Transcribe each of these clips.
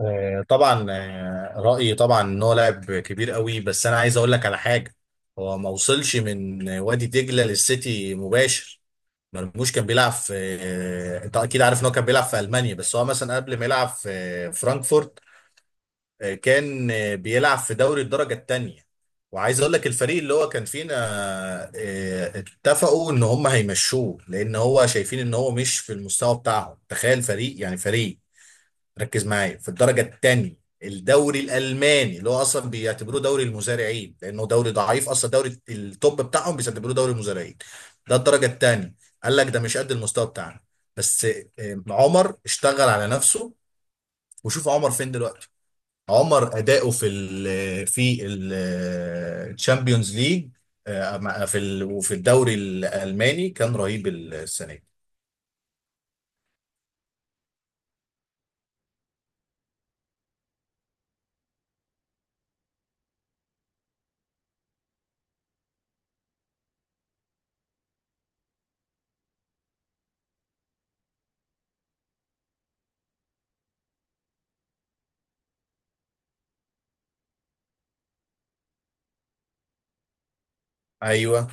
طبعا رأيي طبعا ان هو لاعب كبير قوي، بس انا عايز اقول لك على حاجه. هو ما وصلش من وادي دجله للسيتي مباشر. مرموش كان بيلعب في انت اكيد عارف ان هو كان بيلعب في المانيا، بس هو مثلا قبل ما يلعب في فرانكفورت كان بيلعب في دوري الدرجه الثانيه. وعايز اقول لك الفريق اللي هو كان فينا اتفقوا ان هم هيمشوه لان هو شايفين ان هو مش في المستوى بتاعهم. تخيل فريق يعني فريق، ركز معايا، في الدرجة الثانية الدوري الألماني، اللي هو أصلا بيعتبروه دوري المزارعين لأنه دوري ضعيف أصلا. دوري التوب بتاعهم بيعتبروه دوري المزارعين، ده الدرجة الثانية. قال لك ده مش قد المستوى بتاعنا. بس عمر اشتغل على نفسه، وشوف عمر فين دلوقتي. عمر أداؤه في الشامبيونز ليج، وفي الدوري الألماني كان رهيب السنة دي. أيوه.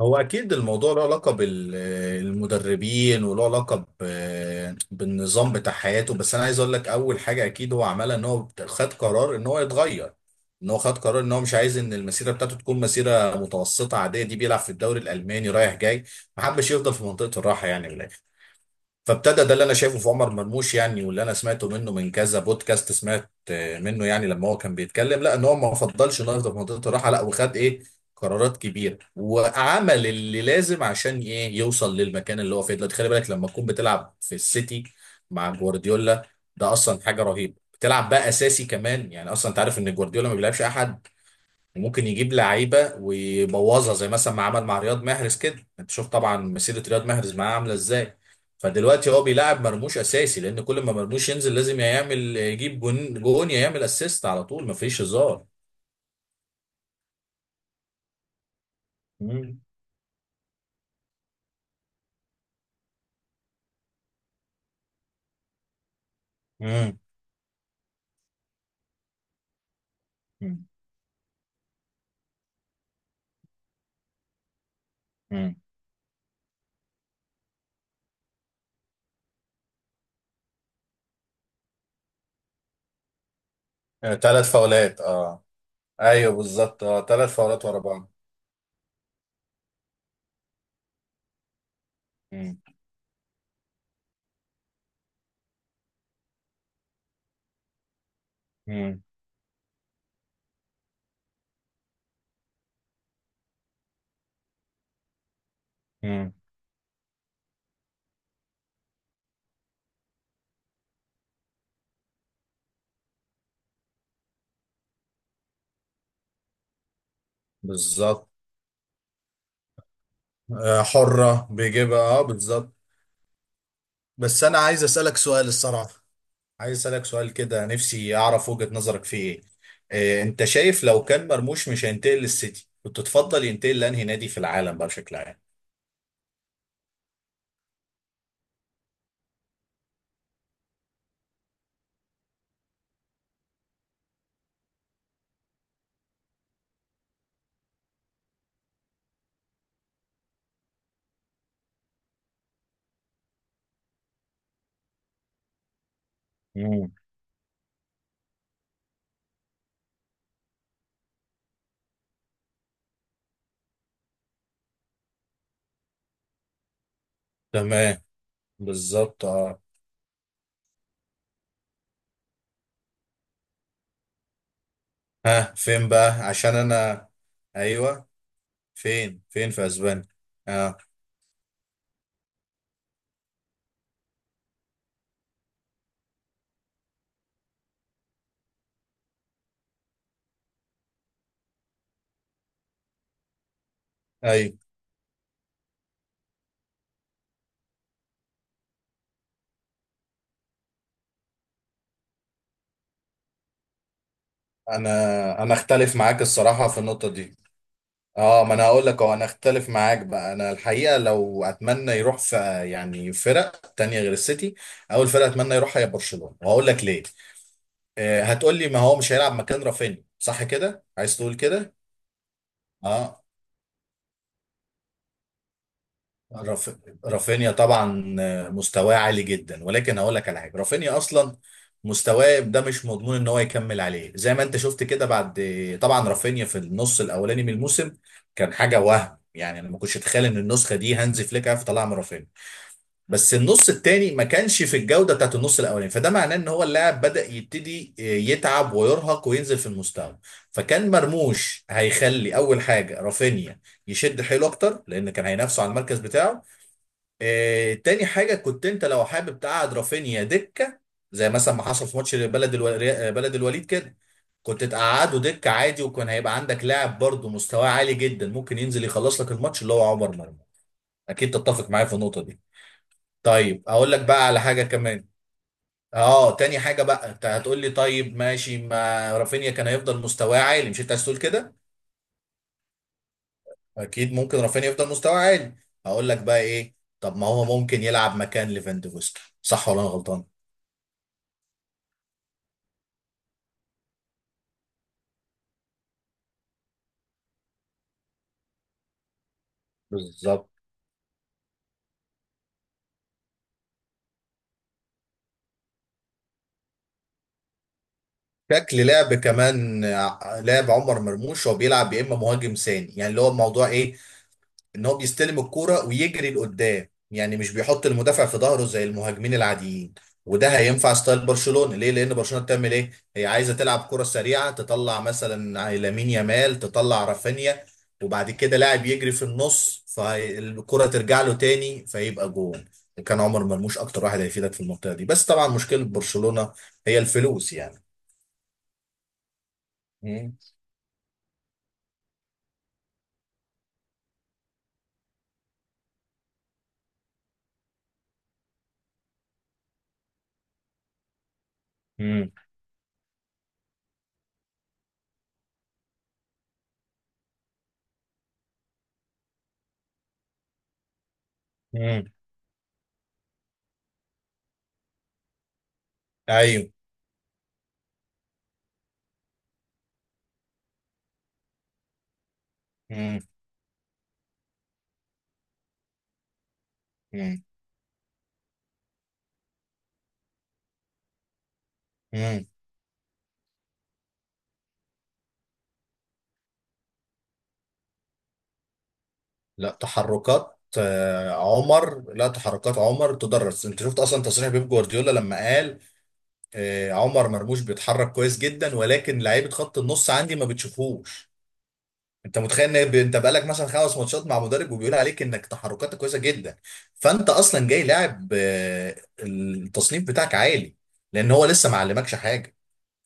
هو اكيد الموضوع له علاقه بالمدربين وله علاقه بالنظام بتاع حياته، بس انا عايز اقول لك اول حاجه اكيد هو عملها ان هو خد قرار ان هو يتغير. ان هو خد قرار ان هو مش عايز ان المسيره بتاعته تكون مسيره متوسطه عاديه دي، بيلعب في الدوري الالماني رايح جاي. ما حبش يفضل في منطقه الراحه يعني. فابتدى، ده اللي انا شايفه في عمر مرموش يعني، واللي انا سمعته منه من كذا بودكاست. سمعت منه يعني لما هو كان بيتكلم، لا ان هو ما فضلش انه يفضل في منطقه الراحه، لا وخد ايه؟ قرارات كبيره، وعمل اللي لازم عشان ايه يوصل للمكان اللي هو فيه دلوقتي. خلي بالك لما تكون بتلعب في السيتي مع جوارديولا، ده اصلا حاجه رهيبه. بتلعب بقى اساسي كمان يعني، اصلا انت عارف ان جوارديولا ما بيلعبش احد. ممكن يجيب لعيبه ويبوظها، زي مثلا ما عمل مع رياض محرز كده. انت شوف طبعا مسيره رياض محرز معاه عامله ازاي. فدلوقتي هو بيلعب مرموش اساسي، لان كل ما مرموش ينزل لازم يا يجيب جون جون، يا يعمل اسيست، على طول مفيش هزار. مم. مم. مم. مم. تلات فاولات اه. ايوه بالظبط اه، تلات فاولات ورا بعض. مم. مم. مم. بالظبط. حرة بيجيبها اه بالظبط. بس انا عايز اسالك سؤال الصراحه، عايز أسألك سؤال كده نفسي أعرف وجهة نظرك فيه إيه. إيه، أنت شايف لو كان مرموش مش هينتقل للسيتي كنت تفضل ينتقل لأنهي نادي في العالم بقى بشكل عام؟ مم. تمام. بالظبط اه. ها فين بقى؟ عشان أنا أيوه، فين فين في أسبانيا؟ اه أيوه. أنا أنا أختلف معاك الصراحة في النقطة دي. اه، ما أنا هقول لك أهو، أنا أختلف معاك بقى. أنا الحقيقة لو أتمنى يروح في، يعني فرق تانية غير السيتي، أول فرقة أتمنى يروحها هي برشلونة، وهقول لك ليه. هتقول لي ما هو مش هيلعب مكان رافينيا، صح كده عايز تقول كده؟ اه راف... رافينيا طبعا مستواه عالي جدا، ولكن هقول لك على حاجه. رافينيا اصلا مستواه ده مش مضمون ان هو يكمل عليه، زي ما انت شفت كده. بعد طبعا رافينيا في النص الاولاني من الموسم كان حاجه وهم يعني، انا ما كنتش اتخيل ان النسخه دي هانز فليك هيعرف يطلعها من رافينيا. بس النص التاني ما كانش في الجودة بتاعت النص الأولاني، فده معناه إن هو اللاعب بدأ يبتدي يتعب ويرهق وينزل في المستوى. فكان مرموش هيخلي أول حاجة رافينيا يشد حيله أكتر، لأن كان هينافسه على المركز بتاعه. تاني حاجة كنت أنت لو حابب تقعد رافينيا دكة، زي مثلا ما حصل في ماتش بلد الوليد كده، كنت تقعده دكة عادي، وكان هيبقى عندك لاعب برضه مستواه عالي جدا ممكن ينزل يخلص لك الماتش اللي هو عمر مرموش. أكيد تتفق معايا في النقطة دي. طيب اقول لك بقى على حاجه كمان. اه تاني حاجه بقى، انت هتقول لي طيب ماشي ما رافينيا كان هيفضل مستواه عالي، مش انت عايز تقول كده؟ اكيد ممكن رافينيا يفضل مستواه عالي. هقول لك بقى ايه، طب ما هو ممكن يلعب مكان ليفاندوفسكي صح ولا انا غلطان؟ بالظبط. شكل لعب كمان لعب عمر مرموش هو بيلعب يا اما مهاجم ثاني، يعني اللي هو الموضوع ايه، ان هو بيستلم الكوره ويجري لقدام، يعني مش بيحط المدافع في ظهره زي المهاجمين العاديين. وده هينفع ستايل برشلونه ليه؟ لان برشلونه بتعمل ايه؟ هي عايزه تلعب كره سريعه، تطلع مثلا لامين يامال، تطلع رافينيا، وبعد كده لاعب يجري في النص فالكره ترجع له تاني فيبقى جون. وكان عمر مرموش اكتر واحد هيفيدك في المنطقه دي، بس طبعا مشكله برشلونه هي الفلوس يعني. مم. مم. مم. ايوه. مم. مم. مم. لا تحركات عمر، لا تحركات عمر تدرس. انت شفت اصلا تصريح بيب جوارديولا لما قال عمر مرموش بيتحرك كويس جدا، ولكن لعيبه خط النص عندي ما بتشوفوش. انت متخيل ان انت بقالك مثلا 5 ماتشات مع مدرب وبيقول عليك انك تحركاتك كويسه جدا؟ فانت اصلا جاي لاعب التصنيف بتاعك عالي، لان هو لسه ما علمكش حاجه.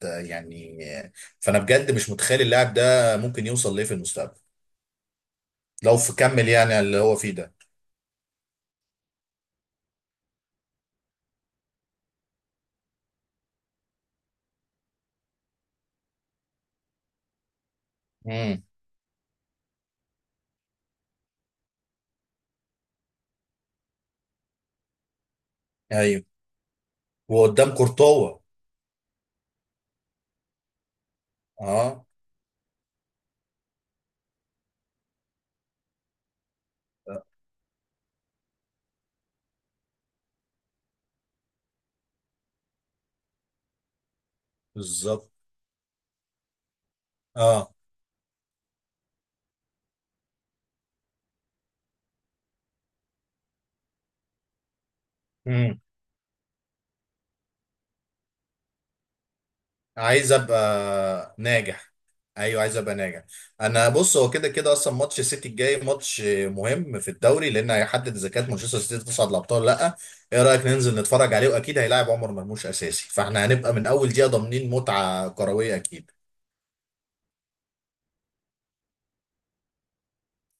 ده يعني فانا بجد مش متخيل اللاعب ده ممكن يوصل ليه في المستقبل. لو في كمل يعني على اللي هو فيه ده. امم. ايوه. وقدام كورتوا. اه بالظبط اه. امم. عايز ابقى ناجح. ايوه عايز ابقى ناجح. انا بص، هو كده كده اصلا ماتش السيتي الجاي ماتش مهم في الدوري، لان هيحدد اذا كانت مانشستر سيتي تصعد الابطال ولا لا. ايه رايك ننزل نتفرج عليه، واكيد هيلاعب عمر مرموش اساسي، فاحنا هنبقى من اول دقيقه ضامنين متعه كرويه اكيد.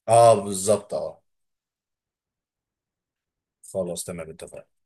اه بالظبط اه. خلاص تمام اتفقنا.